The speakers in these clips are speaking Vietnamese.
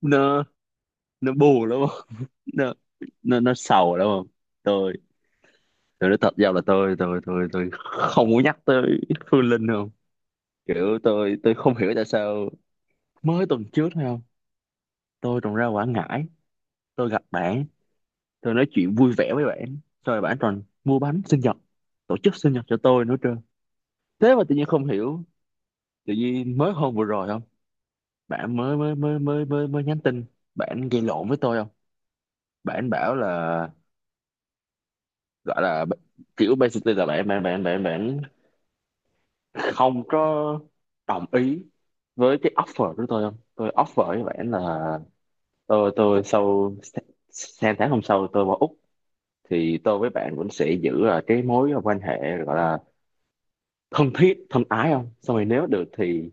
nó nó bù lắm không? Nó nó nó sầu lắm không? Tôi tôi nói thật ra là tôi không muốn nhắc tới Phương Linh không. Kiểu tôi không hiểu tại sao, mới tuần trước thôi không, tôi còn ra Quảng Ngãi, tôi gặp bạn, tôi nói chuyện vui vẻ với bạn, rồi bạn còn mua bánh sinh nhật, tổ chức sinh nhật cho tôi nữa trơn. Thế mà tự nhiên không hiểu, tự nhiên mới hôm vừa rồi không, bạn mới mới mới mới mới mới nhắn tin, bạn gây lộn với tôi không. Bạn bảo là, gọi là kiểu basically là bạn bạn bạn bạn bạn không có đồng ý với cái offer của tôi không. Tôi offer với bạn là tôi sau sang tháng hôm sau tôi vào Úc thì tôi với bạn vẫn sẽ giữ cái mối quan hệ gọi là thân thiết thân ái không. Xong rồi nếu được thì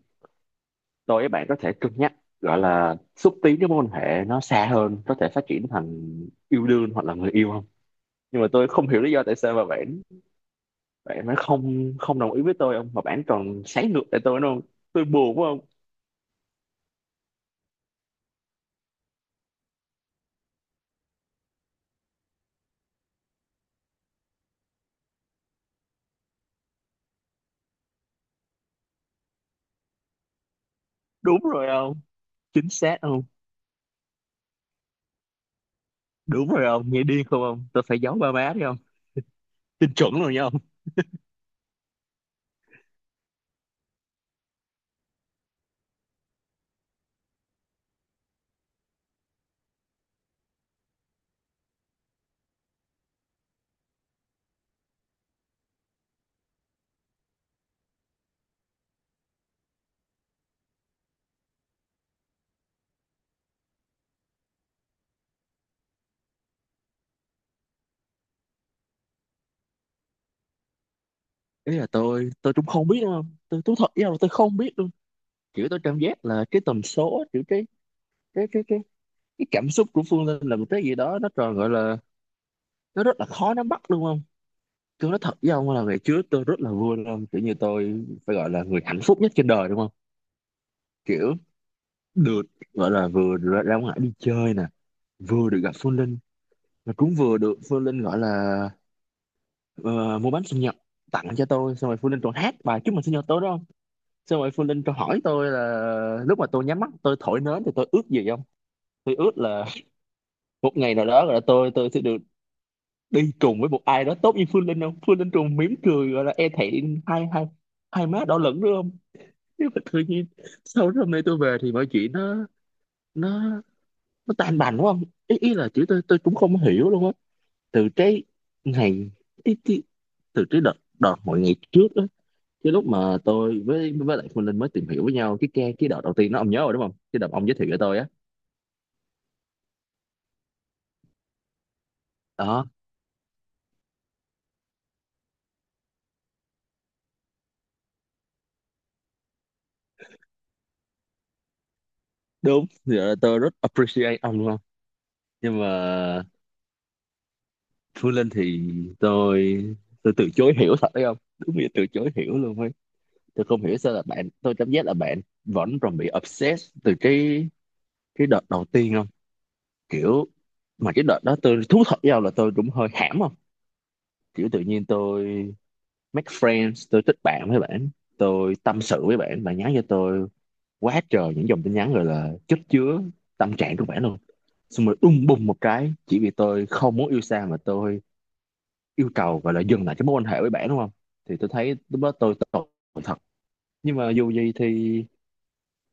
tôi với bạn có thể cân nhắc, gọi là xúc tiến cái mối quan hệ nó xa hơn, có thể phát triển thành yêu đương hoặc là người yêu không. Nhưng mà tôi không hiểu lý do tại sao mà bạn bạn nó không không đồng ý với tôi, ông, mà bạn còn sáng ngược lại tôi đúng không? Tôi buồn phải không? Đúng rồi ông, chính xác không. Đúng rồi ông, nghe điên không ông, tôi phải giấu ba má đi không, tin chuẩn rồi nha ông. Ý là tôi cũng không biết đâu ông, tôi thật với ông là tôi không biết luôn. Kiểu tôi cảm giác là cái tần số, kiểu cái cái cái cái cái cảm xúc của Phương Linh là một cái gì đó nó tròn gọi là, nó rất là khó nắm bắt luôn không. Tôi nói thật với ông là ngày trước tôi rất là vui luôn, kiểu như tôi phải gọi là người hạnh phúc nhất trên đời đúng không. Kiểu được, gọi là vừa ra ngoài đi chơi nè, vừa được gặp Phương Linh, mà cũng vừa được Phương Linh gọi là, ờ, mua bánh sinh nhật tặng cho tôi. Xong rồi Phương Linh còn hát bài chúc mừng sinh nhật tôi đó không. Xong rồi Phương Linh còn hỏi tôi là lúc mà tôi nhắm mắt tôi thổi nến thì tôi ước gì không. Tôi ước là một ngày nào đó gọi là tôi sẽ được đi cùng với một ai đó tốt như Phương Linh không. Phương Linh trùng mỉm cười gọi là e thẹn, hai hai hai má đỏ lửng nữa không. Nhưng mà tự nhiên sau đó hôm nay tôi về thì mọi chuyện nó nó nó tan bành đúng không. Ý là chữ tôi cũng không hiểu luôn á. Từ cái ngày ý, ý, từ cái đợt, đợt mọi ngày trước á, cái lúc mà tôi với với Phương Linh mới tìm hiểu với nhau, cái đợt đầu tiên nó ông nhớ rồi đúng không, cái đợt ông giới thiệu cho tôi á. Đó, đúng giờ tôi rất appreciate ông luôn. Nhưng mà Phương Linh thì tôi, từ chối hiểu thật đấy không, đúng nghĩa từ chối hiểu luôn ấy. Tôi không hiểu sao là bạn, tôi cảm giác là bạn vẫn còn bị obsessed từ cái đợt đầu tiên không? Kiểu mà cái đợt đó tôi thú thật với nhau là tôi cũng hơi hãm không. Kiểu tự nhiên tôi make friends, tôi thích bạn với bạn, tôi tâm sự với bạn, bạn nhắn cho tôi quá trời những dòng tin nhắn, rồi là chất chứa tâm trạng của bạn luôn. Xong rồi đùng bùng một cái, chỉ vì tôi không muốn yêu xa mà tôi yêu cầu và là dừng lại cái mối quan hệ với bạn đúng không. Thì tôi thấy lúc đó tôi tội thật. Nhưng mà dù gì thì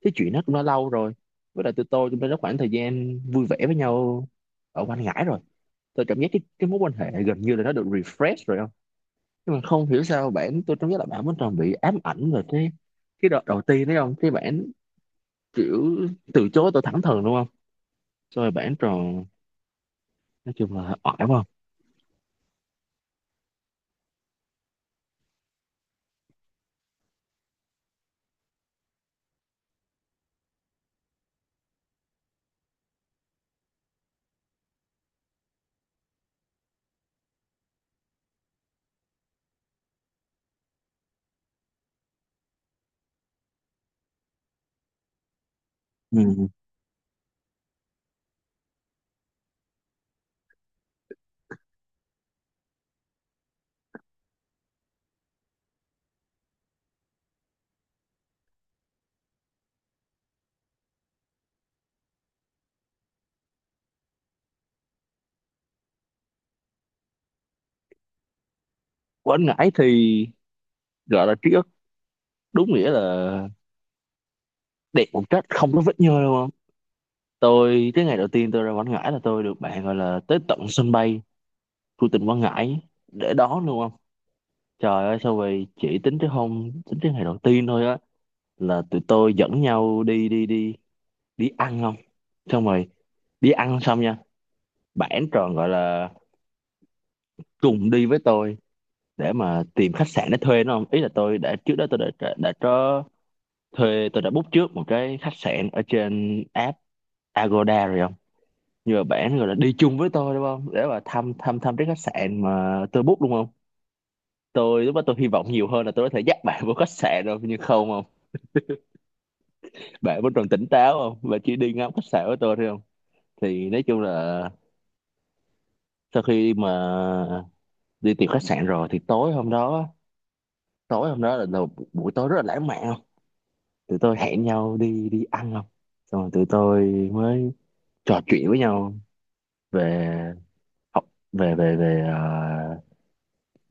cái chuyện đó cũng đã lâu rồi, với lại tụi tôi cũng đã có khoảng thời gian vui vẻ với nhau ở quanh ngãi rồi. Tôi cảm giác cái mối quan hệ gần như là nó được refresh rồi không. Nhưng mà không hiểu sao bạn, tôi cảm giác là bạn vẫn còn bị ám ảnh về cái đợt đầu tiên đấy không. Cái bạn kiểu từ chối tôi thẳng thừng đúng không. Rồi bạn tròn, nói chung là oải quá không. Ừ. Quên ngãi thì gọi là ký ức đúng nghĩa là đẹp một cách không có vết nhơ đúng không. Tôi, cái ngày đầu tiên tôi ra Quảng Ngãi là tôi được bạn gọi là tới tận sân bay của tỉnh Quảng Ngãi để đón luôn không. Trời ơi sao vậy, chỉ tính tới hôm, tính tới ngày đầu tiên thôi á, là tụi tôi dẫn nhau đi đi ăn không. Xong rồi đi ăn xong nha, bản tròn gọi là cùng đi với tôi để mà tìm khách sạn để thuê nó không. Ý là tôi đã, trước đó tôi đã có thuê, tôi đã book trước một cái khách sạn ở trên app Agoda rồi không. Nhưng mà bạn gọi là đi chung với tôi đúng không, để mà thăm thăm thăm cái khách sạn mà tôi book đúng không. Tôi lúc đó tôi hy vọng nhiều hơn là tôi có thể dắt bạn vô khách sạn đâu, nhưng không không, bạn vẫn còn tỉnh táo không, và chỉ đi ngắm khách sạn với tôi thôi không. Thì nói chung là sau khi mà đi tìm khách sạn rồi thì tối hôm đó, buổi tối rất là lãng mạn không. Tụi tôi hẹn nhau đi đi ăn không. Xong rồi tụi tôi mới trò chuyện với nhau về học, về về về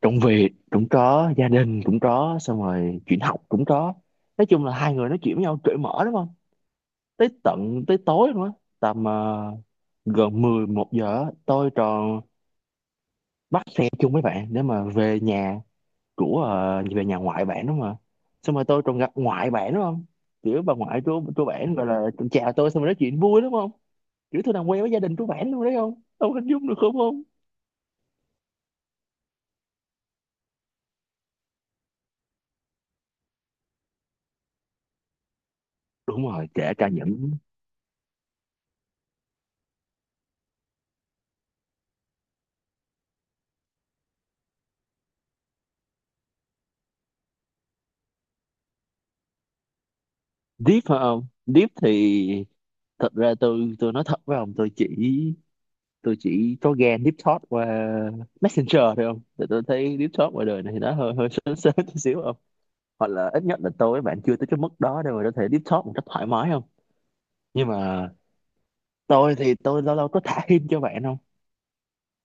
công việc cũng có, gia đình cũng có, xong rồi chuyện học cũng có. Nói chung là hai người nói chuyện với nhau cởi mở đúng không, tới tận tới tối luôn á. Tầm gần 11 giờ á, tôi tròn bắt xe chung với bạn để mà về nhà của về nhà ngoại bạn đúng không ạ. Xong rồi tôi còn gặp ngoại bạn đúng không, kiểu bà ngoại của bạn gọi là còn chào tôi, xong rồi nói chuyện vui đúng không. Kiểu tôi làm quen với gia đình của bạn luôn đấy không, ông hình dung được không không. Đúng rồi, kể cả những… Deep phải không? Deep thì thật ra tôi nói thật với ông, tôi chỉ có ghen deep talk qua messenger thôi không. Thì tôi thấy deep talk ngoài đời này thì nó hơi hơi sớm sớm chút xíu không. Hoặc là ít nhất là tôi với bạn chưa tới cái mức đó đâu mà có thể deep talk một cách thoải mái không. Nhưng mà tôi thì tôi lâu lâu có thả hint cho bạn không.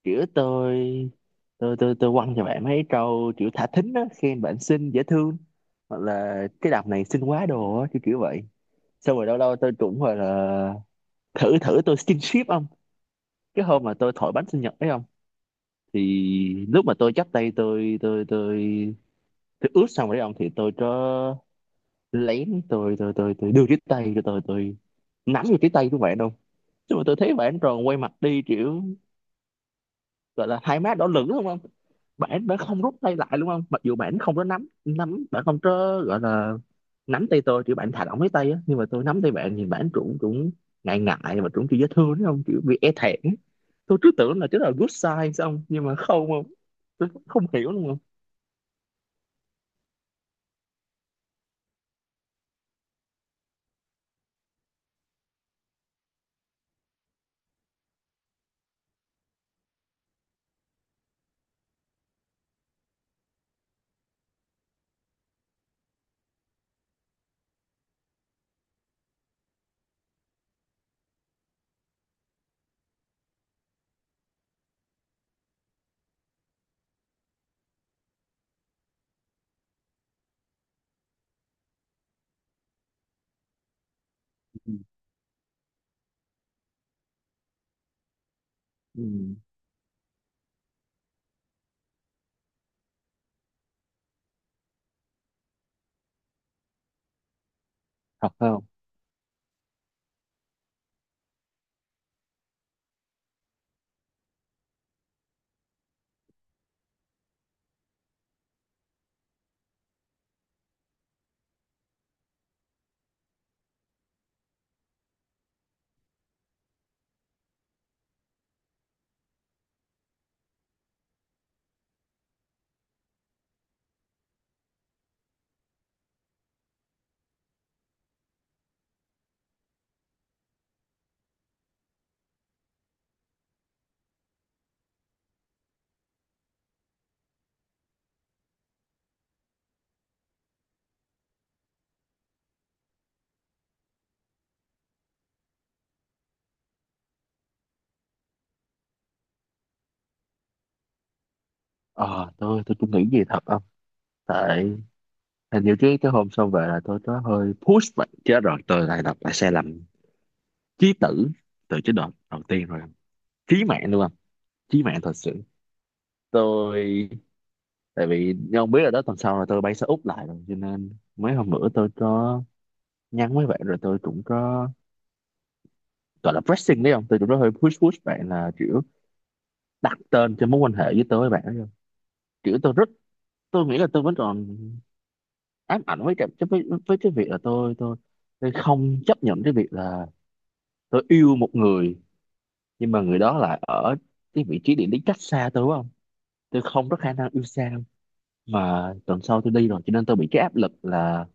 Kiểu tôi quăng cho bạn mấy câu kiểu thả thính á, khen bạn xinh dễ thương, hoặc là cái đọc này xinh quá đồ á, kiểu kiểu vậy. Xong rồi lâu lâu tôi cũng gọi là thử thử tôi skinship không. Cái hôm mà tôi thổi bánh sinh nhật đấy không, thì lúc mà tôi chắp tay, tôi ướt xong rồi đấy ông, thì tôi có lén, tôi đưa cái tay của tôi, nắm vào cái tay của bạn không. Nhưng mà tôi thấy bạn tròn quay mặt đi, kiểu gọi là hai má đỏ lửng đúng không. Bạn đã không rút tay lại đúng không, mặc dù bạn không có nắm nắm bạn không có gọi là nắm tay tôi, kiểu bạn thả lỏng lấy tay á. Nhưng mà tôi nắm tay bạn thì bạn cũng cũng ngại ngại mà cũng kiểu dễ thương đúng không, kiểu bị e thẹn. Tôi cứ tưởng là chứ là good sign xong, nhưng mà không không, tôi không hiểu đúng không. Ừ. Ừ, thật không? Ờ tôi cũng nghĩ gì thật không. Tại hình như cái hôm xong về là tôi có hơi push vậy chứ rồi tôi lại đọc lại sai lầm chí tử từ chế độ đầu tiên rồi. Chí mạng luôn, chí mạng thật sự. Tôi, tại vì như ông biết rồi đó, tuần sau là tôi bay sang Úc lại rồi, cho nên mấy hôm bữa tôi có nhắn mấy bạn rồi, tôi cũng có gọi là pressing đấy không, tôi cũng có hơi push push bạn là kiểu đặt tên cho mối quan hệ với tôi với bạn đấy không. Kiểu tôi rất, tôi nghĩ là tôi vẫn còn ám ảnh với cái, với cái việc là tôi tôi không chấp nhận cái việc là tôi yêu một người nhưng mà người đó lại ở cái vị trí địa lý cách xa tôi đúng không. Tôi không có khả năng yêu xa, mà tuần sau tôi đi rồi cho nên tôi bị cái áp lực là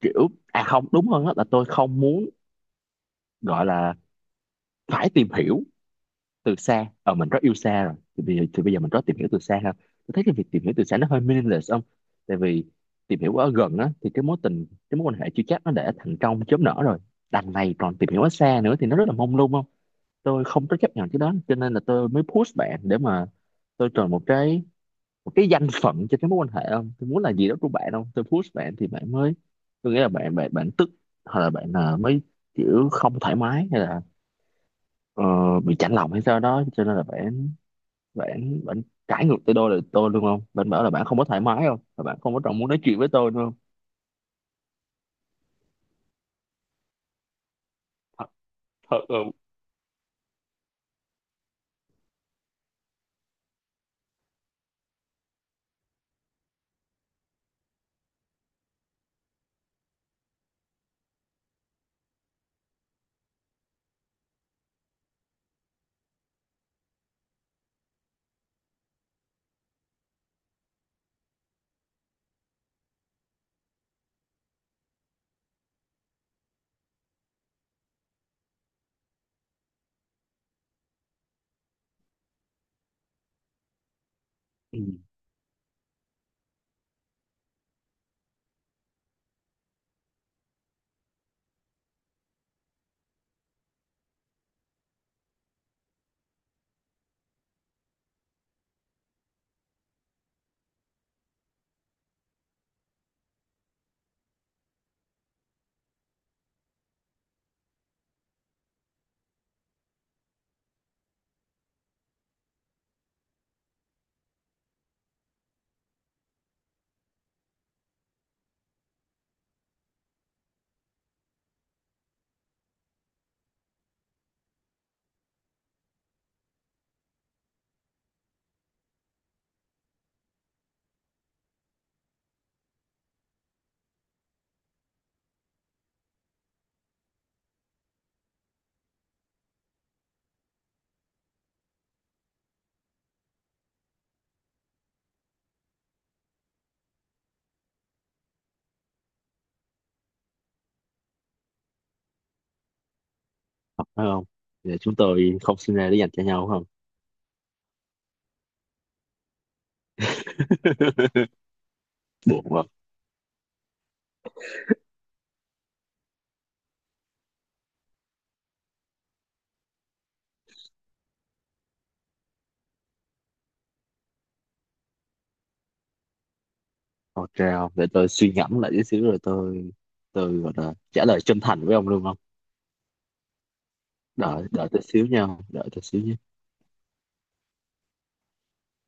kiểu, không, đúng hơn hết là tôi không muốn gọi là phải tìm hiểu từ xa. Ờ mình rất yêu xa rồi thì thì bây giờ mình rất tìm hiểu từ xa ha. Tôi thấy cái việc tìm hiểu từ xa nó hơi meaningless không. Tại vì tìm hiểu ở gần á thì cái mối tình, cái mối quan hệ chưa chắc nó đã thành công chớm nở rồi, đằng này còn tìm hiểu ở xa nữa thì nó rất là mông lung không. Tôi không có chấp nhận cái đó, cho nên là tôi mới push bạn để mà tôi chọn một cái, một cái danh phận cho cái mối quan hệ không. Tôi muốn là gì đó của bạn không. Tôi push bạn thì bạn mới, tôi nghĩ là bạn bạn bạn tức, hoặc là bạn, mới kiểu không thoải mái, hay là ờ, bị chạnh lòng hay sao đó, cho nên là bạn bạn bạn cãi ngược tới đôi lời tôi luôn không. Bạn bảo là bạn không có thoải mái không, và bạn không có trọng muốn nói chuyện với tôi đúng không. Thật. Ừ, thật phải không? Để chúng tôi không sinh ra để dành cho nhau không. Buồn quá. Ok không, để tôi suy ngẫm lại tí xíu rồi tôi gọi là trả lời chân thành với ông luôn không. Đợi đợi tôi xíu nha, đợi tôi xíu nha.